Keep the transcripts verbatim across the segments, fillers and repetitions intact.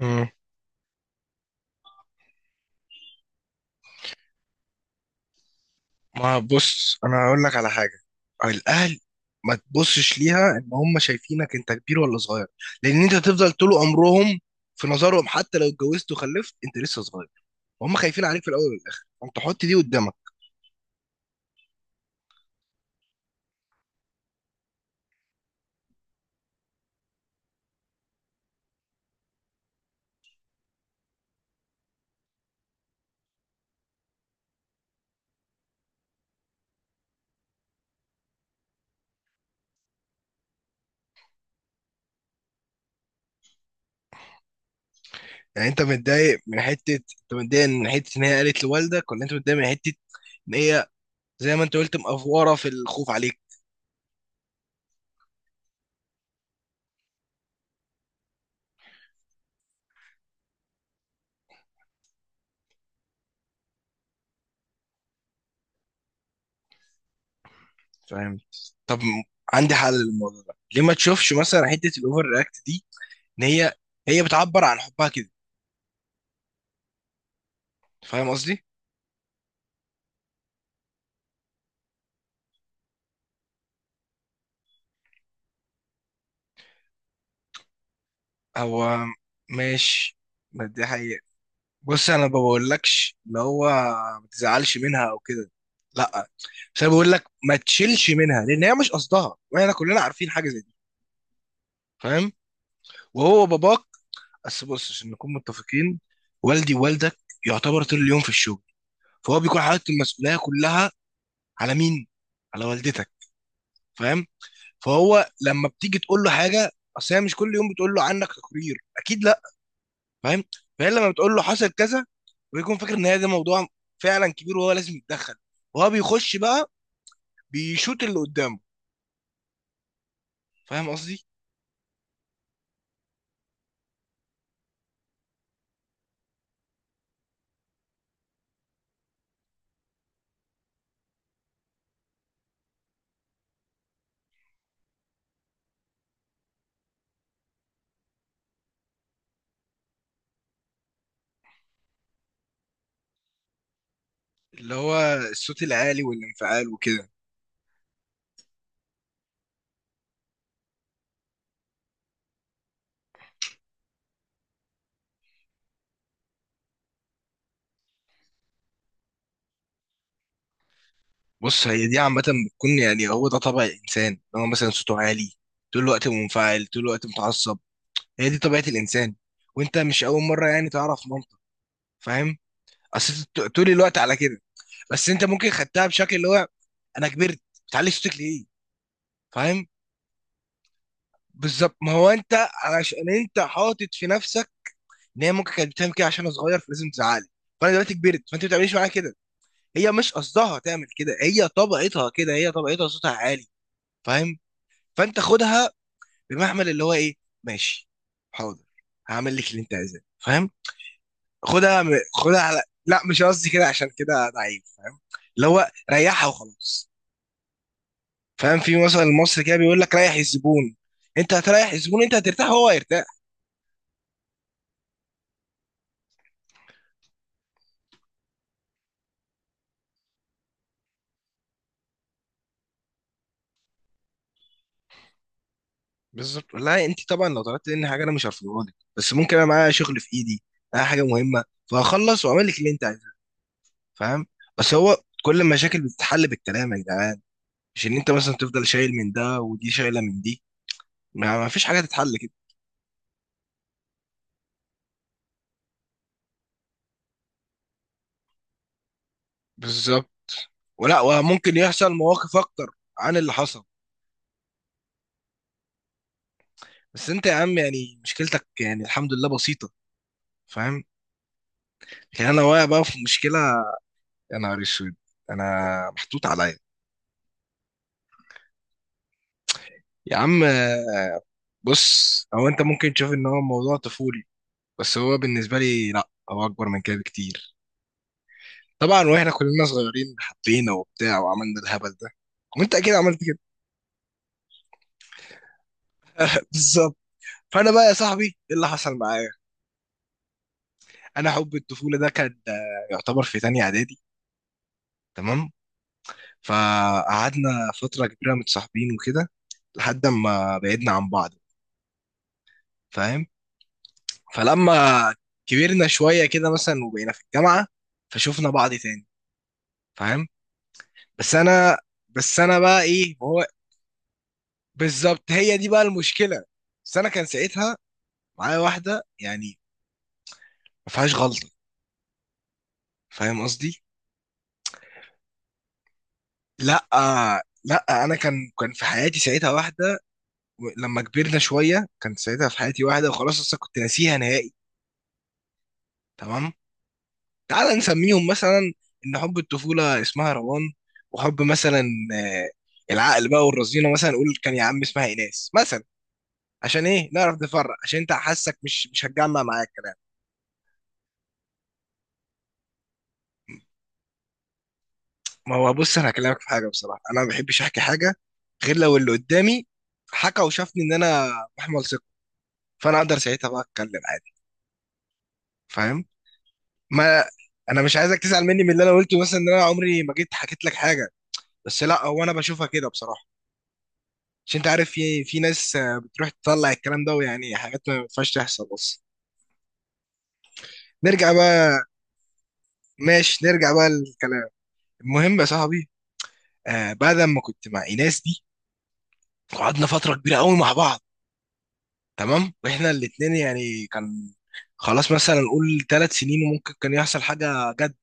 مم. ما بص، انا هقول لك على حاجه. الاهل، ما تبصش ليها ان هم شايفينك انت كبير ولا صغير، لان انت تفضل طول عمرهم في نظرهم، حتى لو اتجوزت وخلفت انت لسه صغير، وهم خايفين عليك في الاول والاخر، فانت حط دي قدامك. يعني انت متضايق من حته، انت متضايق من حته ان هي قالت لوالدك، ولا انت متضايق من حته ان هي زي ما انت قلت مقفوره في الخوف عليك؟ فاهم. طب، عندي حل للموضوع ده، ليه ما تشوفش مثلا حته الاوفر رياكت دي، ان هي هي بتعبر عن حبها كده. فاهم قصدي. هو ماشي، ما دي حقيقة. بص، انا ما بقولكش اللي هو ما تزعلش منها او كده، لا، بس انا بقول لك ما تشيلش منها، لان هي مش قصدها، واحنا كلنا عارفين حاجة زي دي. فاهم. وهو باباك. بس بص، عشان نكون متفقين، والدي ووالدك يعتبر طول اليوم في الشغل، فهو بيكون حاطط المسؤولية كلها على مين؟ على والدتك. فاهم. فهو لما بتيجي تقول له حاجة، اصل هي مش كل يوم بتقول له عنك تقرير، اكيد لا. فاهم. فهي لما بتقول له حصل كذا، ويكون فاكر ان هي ده موضوع فعلا كبير وهو لازم يتدخل، وهو بيخش بقى، بيشوط اللي قدامه. فاهم قصدي، اللي هو الصوت العالي والانفعال وكده. بص، هي دي عامة بتكون، يعني هو ده طبع الإنسان، إن هو مثلا صوته عالي طول الوقت، منفعل طول الوقت، متعصب. هي دي طبيعة الإنسان، وأنت مش أول مرة يعني تعرف منطق. فاهم. أصل أنت ط- طول الوقت على كده، بس أنت ممكن خدتها بشكل اللي هو أنا كبرت، بتعلي صوتك ليه؟ فاهم. بالظبط، ما هو انت علشان انت حاطط في نفسك ان هي ممكن كانت بتعمل كده عشان انا صغير فلازم تزعلي، فانا دلوقتي كبرت فانت ما بتعمليش معايا كده. هي مش قصدها تعمل كده، هي طبيعتها كده، هي طبيعتها صوتها عالي. فاهم. فانت خدها بمحمل اللي هو ايه؟ ماشي، حاضر، هعمل لك اللي انت عايزاه. فاهم. خدها م... خدها على، لا مش قصدي كده عشان كده ضعيف. فاهم. اللي هو ريحها وخلاص. فاهم، في مثلا المصري كده بيقول لك ريح الزبون. انت هتريح الزبون، انت هترتاح وهو هيرتاح. بالظبط. لا انت طبعا لو طلبت مني حاجه انا مش هرفضها لك، بس ممكن انا معايا شغل في ايدي، معايا حاجه مهمه، فهخلص واعمل لك اللي انت عايزاه. فاهم. بس هو كل المشاكل بتتحل بالكلام يا جدعان، مش ان انت مثلا تفضل شايل من ده ودي شايله من دي، ما ما فيش حاجه تتحل كده. بالظبط، ولا وممكن يحصل مواقف اكتر عن اللي حصل. بس انت يا عم يعني مشكلتك يعني الحمد لله بسيطه. فاهم. لكن انا واقع بقى في مشكله. يا نهار اسود، انا محطوط عليا. يا عم بص، او انت ممكن تشوف ان هو موضوع طفولي، بس هو بالنسبه لي لا، هو اكبر من كده بكتير. طبعا واحنا كلنا صغيرين حبينا وبتاع وعملنا الهبل ده، وانت اكيد عملت كده. بالظبط. فانا بقى يا صاحبي، ايه اللي حصل معايا؟ انا حب الطفوله ده كان آه، يعتبر في تانية اعدادي. تمام، فقعدنا فتره كبيره متصاحبين وكده لحد ما بعدنا عن بعض. فاهم. فلما كبرنا شويه كده مثلا وبقينا في الجامعه، فشوفنا بعض تاني. فاهم. بس انا بس انا بقى ايه، ما هو بالظبط هي دي بقى المشكله. بس انا كان ساعتها معايا واحده، يعني ما فيهاش غلطه. فاهم قصدي. لا، لا، انا كان كان في حياتي ساعتها واحده. و- لما كبرنا شويه كان ساعتها في حياتي واحده، وخلاص اصلا كنت ناسيها نهائي. تمام. تعال نسميهم مثلا، ان حب الطفوله اسمها روان، وحب مثلا آه، العقل بقى والرزينه، مثلا نقول كان يا عم اسمها ايناس مثلا. عشان ايه؟ نعرف نفرق، عشان انت حاسك مش مش هتجمع معاك. ما هو بص، انا هكلمك في حاجه بصراحه، انا ما بحبش احكي حاجه غير لو اللي قدامي حكى وشافني ان انا محمل ثقه، فانا اقدر ساعتها بقى اتكلم عادي. فاهم. ما انا مش عايزك تزعل مني من اللي انا قلته، مثلا ان انا عمري ما جيت حكيت لك حاجه، بس لا، هو انا بشوفها كده بصراحه. عشان انت عارف في في ناس آه، بتروح تطلع الكلام ده، ويعني حاجات ما ينفعش تحصل بس. نرجع بقى. ماشي، نرجع بقى للكلام. المهم يا صاحبي، آه بعد ما كنت مع ايناس دي قعدنا فتره كبيره قوي مع بعض. تمام، واحنا الاتنين يعني كان، خلاص مثلا نقول ثلاث سنين، وممكن كان يحصل حاجة جد.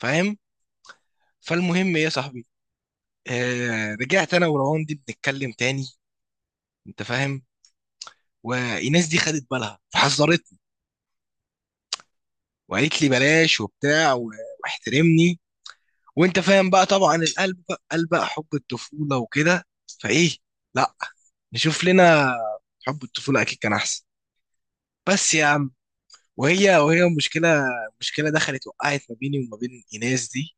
فاهم. فالمهم ايه يا صاحبي، آه رجعت انا وروان دي بنتكلم تاني. انت فاهم. وايناس دي خدت بالها فحذرتني، وقالت لي بلاش وبتاع و- واحترمني. وانت فاهم بقى طبعا القلب قلب بقى حب الطفولة وكده. فايه، لا نشوف لنا، حب الطفولة اكيد كان احسن. بس يا عم، وهي وهي المشكلة، المشكلة دخلت وقعت ما بيني وما بين ايناس دي.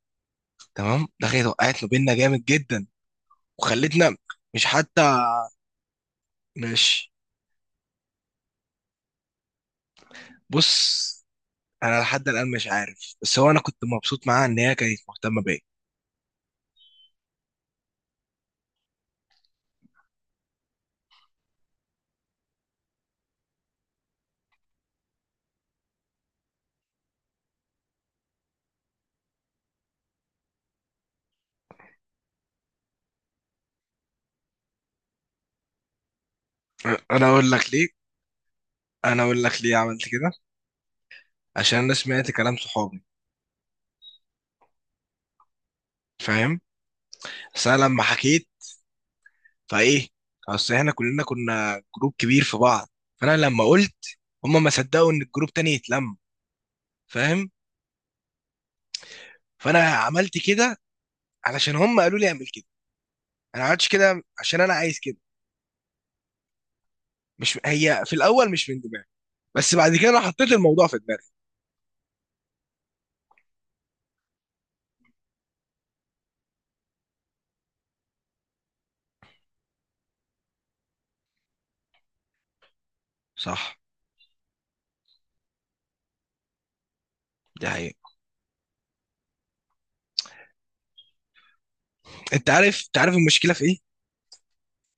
تمام، دخلت وقعت ما بيننا جامد جدا، وخلتنا. مش حتى مش بص، انا لحد الان مش عارف، بس هو انا كنت مبسوط معاها ان هي كانت مهتمه بيا. انا اقول لك ليه انا اقول لك ليه عملت كده، عشان انا سمعت كلام صحابي. فاهم. بس انا لما حكيت، فايه، اصل احنا كلنا كنا جروب كبير في بعض، فانا لما قلت، هم ما صدقوا ان الجروب تاني يتلم. فاهم. فانا عملت كده علشان هم قالوا لي اعمل كده، انا ما عملتش كده عشان انا عايز كده. مش، هي في الاول مش من دماغي، بس بعد كده انا حطيت الموضوع في دماغي. صح، دي حقيقة. انت عارف انت عارف المشكله في ايه،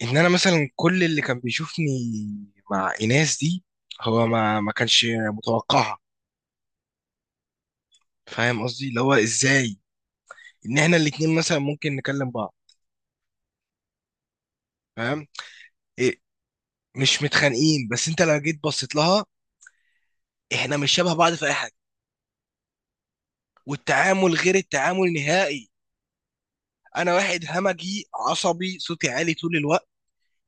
ان انا مثلا كل اللي كان بيشوفني مع ايناس دي، هو ما ما كانش متوقعها. فاهم قصدي، اللي هو ازاي، ان احنا الاتنين مثلا ممكن نكلم بعض. فاهم. إيه، مش متخانقين، بس انت لو جيت بصيت لها، احنا مش شبه بعض في اي حاجه، والتعامل غير التعامل نهائي. انا واحد همجي عصبي صوتي عالي طول الوقت،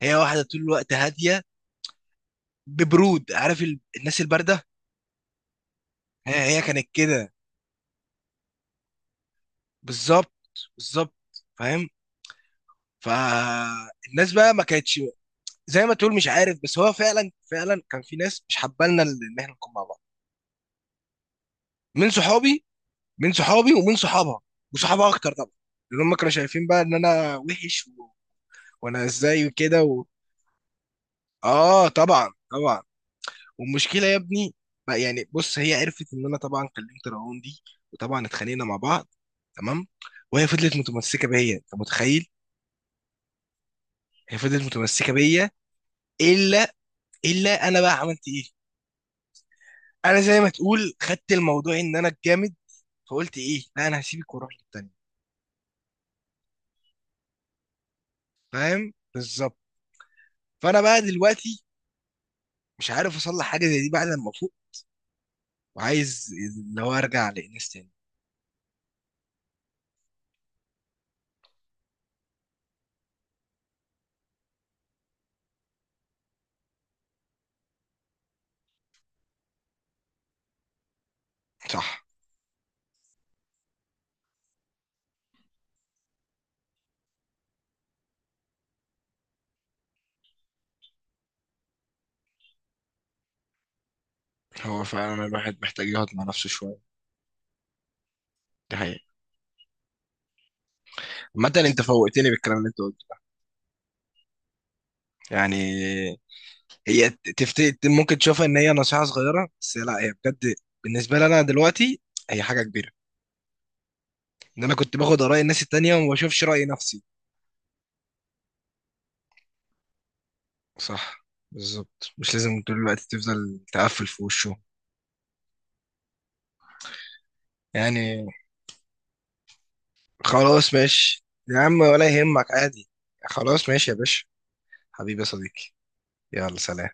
هي واحده طول الوقت هاديه ببرود، عارف ال... الناس البارده. هي هي كانت كده. بالظبط، بالظبط. فاهم. فالناس بقى ما كانتش زي ما تقول مش عارف، بس هو فعلا فعلا كان في ناس مش حبالنا ال- ان احنا نكون مع بعض من صحابي. من صحابي ومن صحابها، وصحابها اكتر طبعا، لان هم كانوا شايفين بقى ان انا وحش و... وانا ازاي وكده و... اه، طبعا طبعا. والمشكله يا ابني، ما- يعني بص، هي عرفت ان انا طبعا كلمت رعون دي، وطبعا اتخانقنا مع بعض. تمام، وهي فضلت متمسكه بيا، انت متخيل. هي فضلت متمسكه بيا. الا الا انا بقى عملت ايه، انا زي ما تقول خدت الموضوع ان انا الجامد، فقلت ايه، لا انا هسيبك واروح للتانية. فاهم بالظبط. فانا بقى دلوقتي مش عارف اصلح حاجه زي دي بعد ما افوق، وعايز اللي هو ارجع للناس تاني. صح، هو فعلا الواحد محتاج يقعد مع نفسه شويه، دي حقيقة. عامة انت فوقتني بالكلام اللي انت قلته يعني. هي تفت... ممكن تشوفها ان هي نصيحة صغيرة، بس لا هي بجد. بالنسبة لي انا دلوقتي هي حاجة كبيرة، ان انا كنت باخد آراء الناس التانية وما بشوفش رأي نفسي. صح، بالظبط مش لازم طول الوقت تفضل تقفل في وشه. يعني خلاص، ماشي يا عم ولا يهمك عادي. خلاص ماشي يا باشا. حبيبي يا صديقي. يلا سلام.